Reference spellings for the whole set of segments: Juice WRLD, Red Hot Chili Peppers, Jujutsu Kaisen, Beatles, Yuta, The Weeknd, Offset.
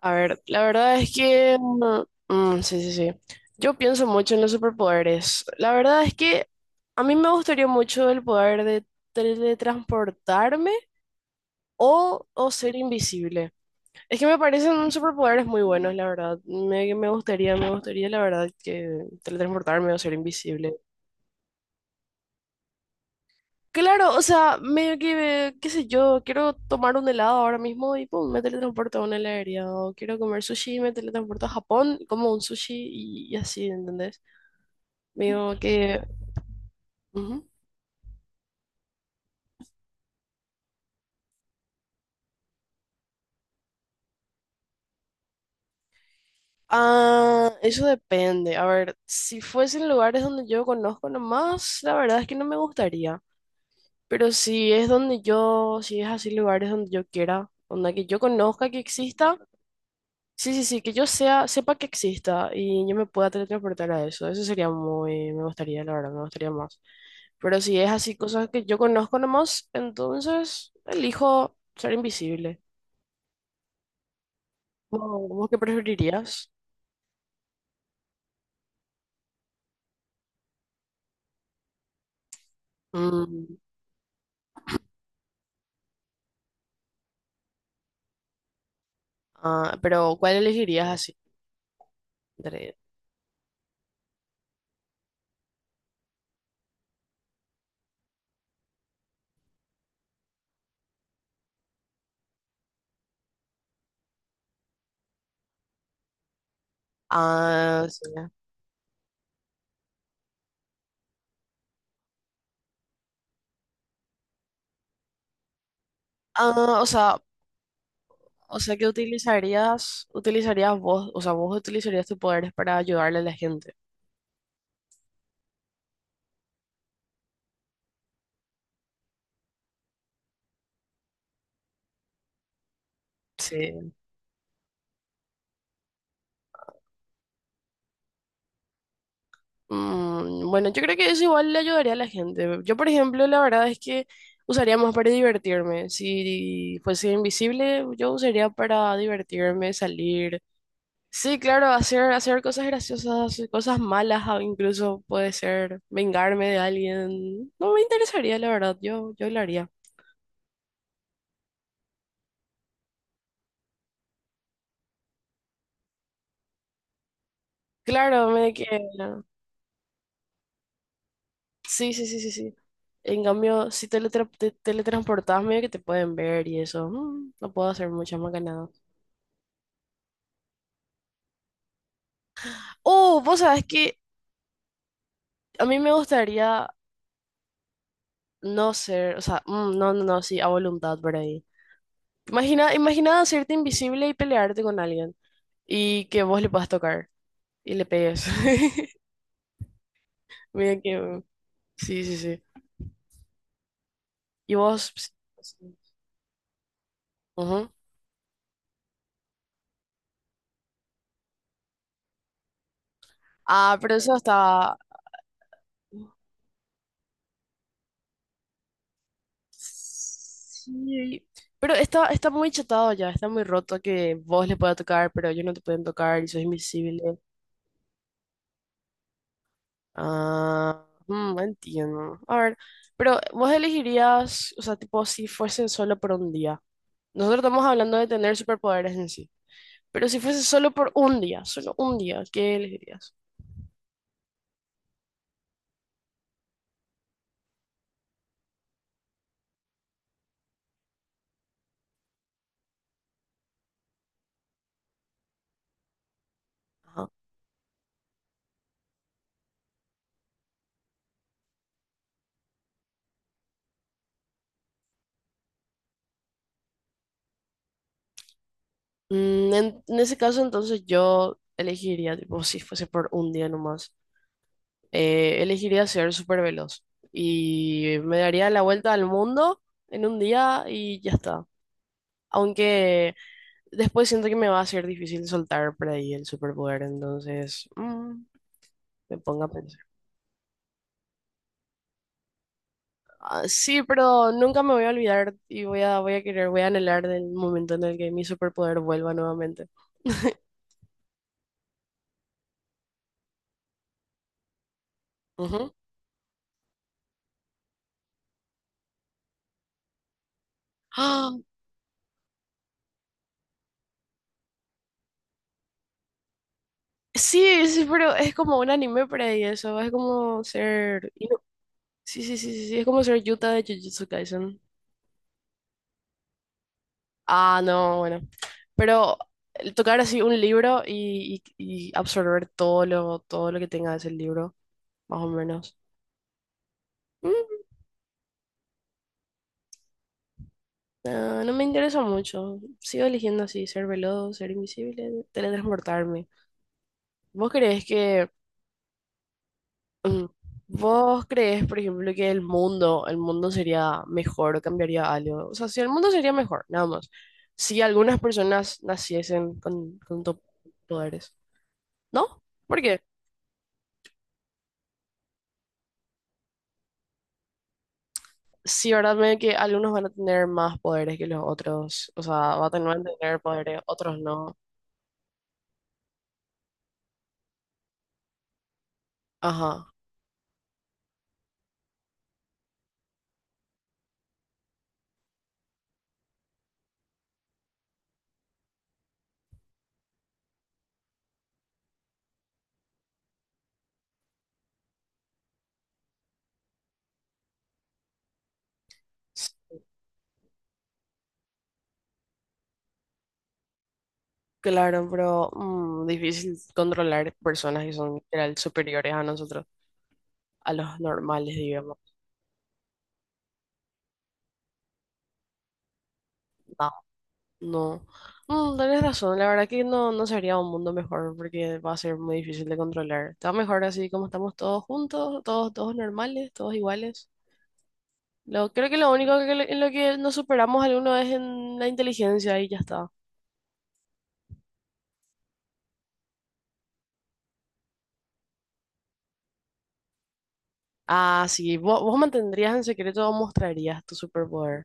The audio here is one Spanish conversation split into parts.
A ver, la verdad es que, mm, mm, sí, sí, sí. Yo pienso mucho en los superpoderes. La verdad es que a mí me gustaría mucho el poder de teletransportarme o ser invisible. Es que me parecen superpoderes muy buenos, la verdad. Me gustaría, me gustaría, la verdad, que teletransportarme o ser invisible. Claro, o sea, medio que, qué sé yo, quiero tomar un helado ahora mismo y pum, me teletransporto a una heladería. O quiero comer sushi y me teletransporto a Japón, como un sushi y así, ¿entendés? Medio que. Ujú. Ah, eso depende. A ver, si fuesen lugares donde yo conozco nomás, la verdad es que no me gustaría. Pero si es donde yo, si es así lugares donde yo quiera, donde que yo conozca que exista. Sí, sí, sí, que yo sea, sepa que exista y yo me pueda teletransportar a eso. Eso sería muy, me gustaría, la verdad, me gustaría más. Pero si es así, cosas que yo conozco nomás, entonces elijo ser invisible. ¿Vos qué preferirías? Mm, ah, pero ¿cuál elegirías así? Entre- Ah, sí. Ah, o sea que utilizarías, utilizarías vos, o sea, vos utilizarías tus poderes para ayudarle a la gente. Sí. Bueno, yo creo que eso igual le ayudaría a la gente. Yo, por ejemplo, la verdad es que usaría más para divertirme. Si fuese invisible, yo usaría para divertirme, salir. Sí, claro, hacer, hacer cosas graciosas, cosas malas, o incluso puede ser vengarme de alguien. No me interesaría, la verdad, yo lo haría. Claro. Sí, sí, sí, sí, sí. En cambio, si teletra te teletransportás, medio que te pueden ver y eso. No puedo hacer muchas macanadas. Oh, vos sabés que a mí me gustaría no ser, o sea, no, no, no, sí, a voluntad por ahí. Imagina, imagina hacerte invisible y pelearte con alguien y que vos le puedas tocar y le pegues. Mira que, sí, sí, sí. Y vos, sí, sí. Ujú. Ah, pero eso está, sí, pero está muy chatado ya, está muy roto que vos le puedas tocar, pero ellos no te pueden tocar y sos invisible. Ah, entiendo. A ver, pero vos elegirías, o sea, tipo, si fuese solo por un día. Nosotros estamos hablando de tener superpoderes en sí. Pero si fuese solo por un día, solo un día, ¿qué elegirías? Ajá. En ese caso, entonces yo elegiría, tipo, si fuese por un día nomás, elegiría ser súper veloz. Y me daría la vuelta al mundo en un día y ya está. Aunque Después siento que me va a ser difícil soltar por ahí el superpoder, entonces me pongo a pensar. Ah, sí, pero nunca me voy a olvidar y voy a querer, voy a anhelar del momento en el que mi superpoder vuelva nuevamente. Ujú. ¡Ah! Sí, sí, pero es como un anime por ahí eso, es como ser. Sí, sí, sí, sí, sí, es como ser Yuta de Jujutsu Kaisen. Ah, no, bueno. Pero el tocar así un libro y absorber todo lo que tenga ese libro, más o menos. Mm, no, no me interesa mucho. Sigo eligiendo así, ser veloz, ser invisible, teletransportarme. ¿Vos creés que, mm, vos creés, por ejemplo, que el mundo sería mejor o cambiaría algo? O sea, si el mundo sería mejor, nada más. Si algunas personas naciesen poderes, ¿no? Porque sí, verdad, me que algunos van a tener más poderes que los otros. O sea, van a tener poderes, otros no. Ajá. Claro, pero difícil controlar personas que son literal superiores a nosotros, a los normales, digamos. No, no. Tenés razón, la verdad que no, no sería un mundo mejor porque va a ser muy difícil de controlar. Está mejor así como estamos todos juntos, todos, todos normales, todos iguales. Creo que lo único que, en lo que nos superamos alguno es en la inteligencia y ya está. Ah, sí, vos mantendrías en secreto o mostrarías tu superpoder.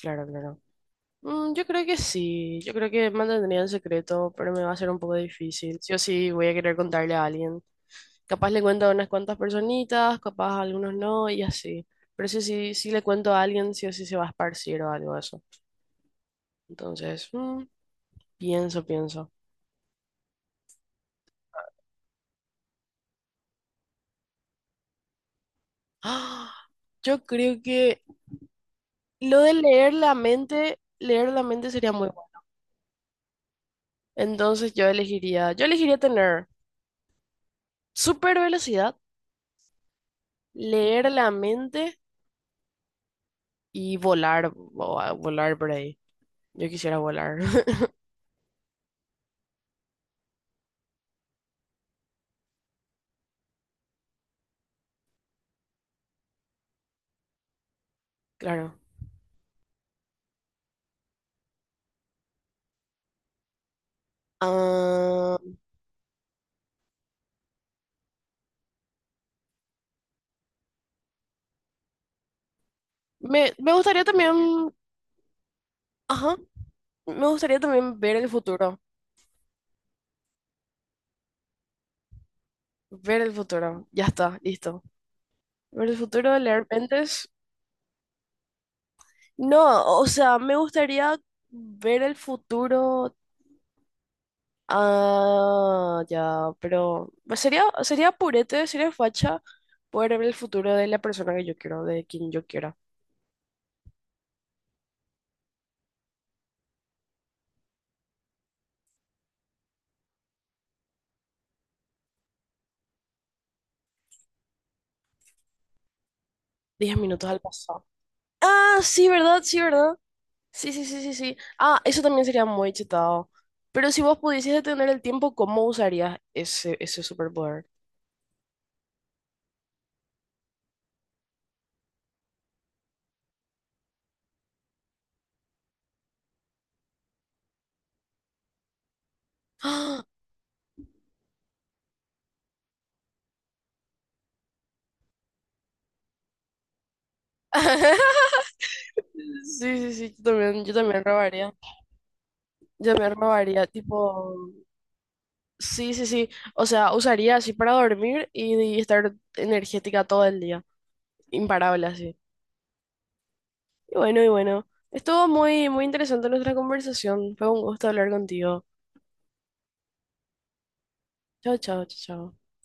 Claro, claro. Yo creo que sí, yo creo que mantendría en secreto, pero me va a ser un poco difícil. Sí o sí voy a querer contarle a alguien. Capaz le cuento a unas cuantas personitas, capaz a algunos no, y así. Pero sí, sí, sí le cuento a alguien, sí o sí se va a esparcir o algo de eso. Entonces, pienso, pienso. ¡Ah! Yo creo que lo de leer la mente sería muy bueno. Entonces yo elegiría tener super velocidad, leer la mente y volar, o volar por ahí. Yo quisiera volar, claro. Ah, me gustaría también, ajá, me gustaría también ver el futuro, ya está, listo. Ver el futuro, leer mentes. No, o sea, me gustaría ver el futuro, ah, ya, pero sería purete, sería facha poder ver el futuro de la persona que yo quiero, de quien yo quiera. 10 minutos al pasado. Ah, sí, ¿verdad? Sí, ¿verdad? Sí, sí, sí, sí, sí. Ah, eso también sería muy chetado. Pero si vos pudieses detener el tiempo, ¿cómo usarías ese superpoder? ¡Ah! Sí, sí, sí, yo también robaría. Yo también robaría, tipo, sí, sí, sí. O sea, usaría así para dormir y estar energética todo el día. Imparable así. Y bueno, y bueno. Estuvo muy, muy interesante nuestra conversación. Fue un gusto hablar contigo. Chao, chao, chao, chao.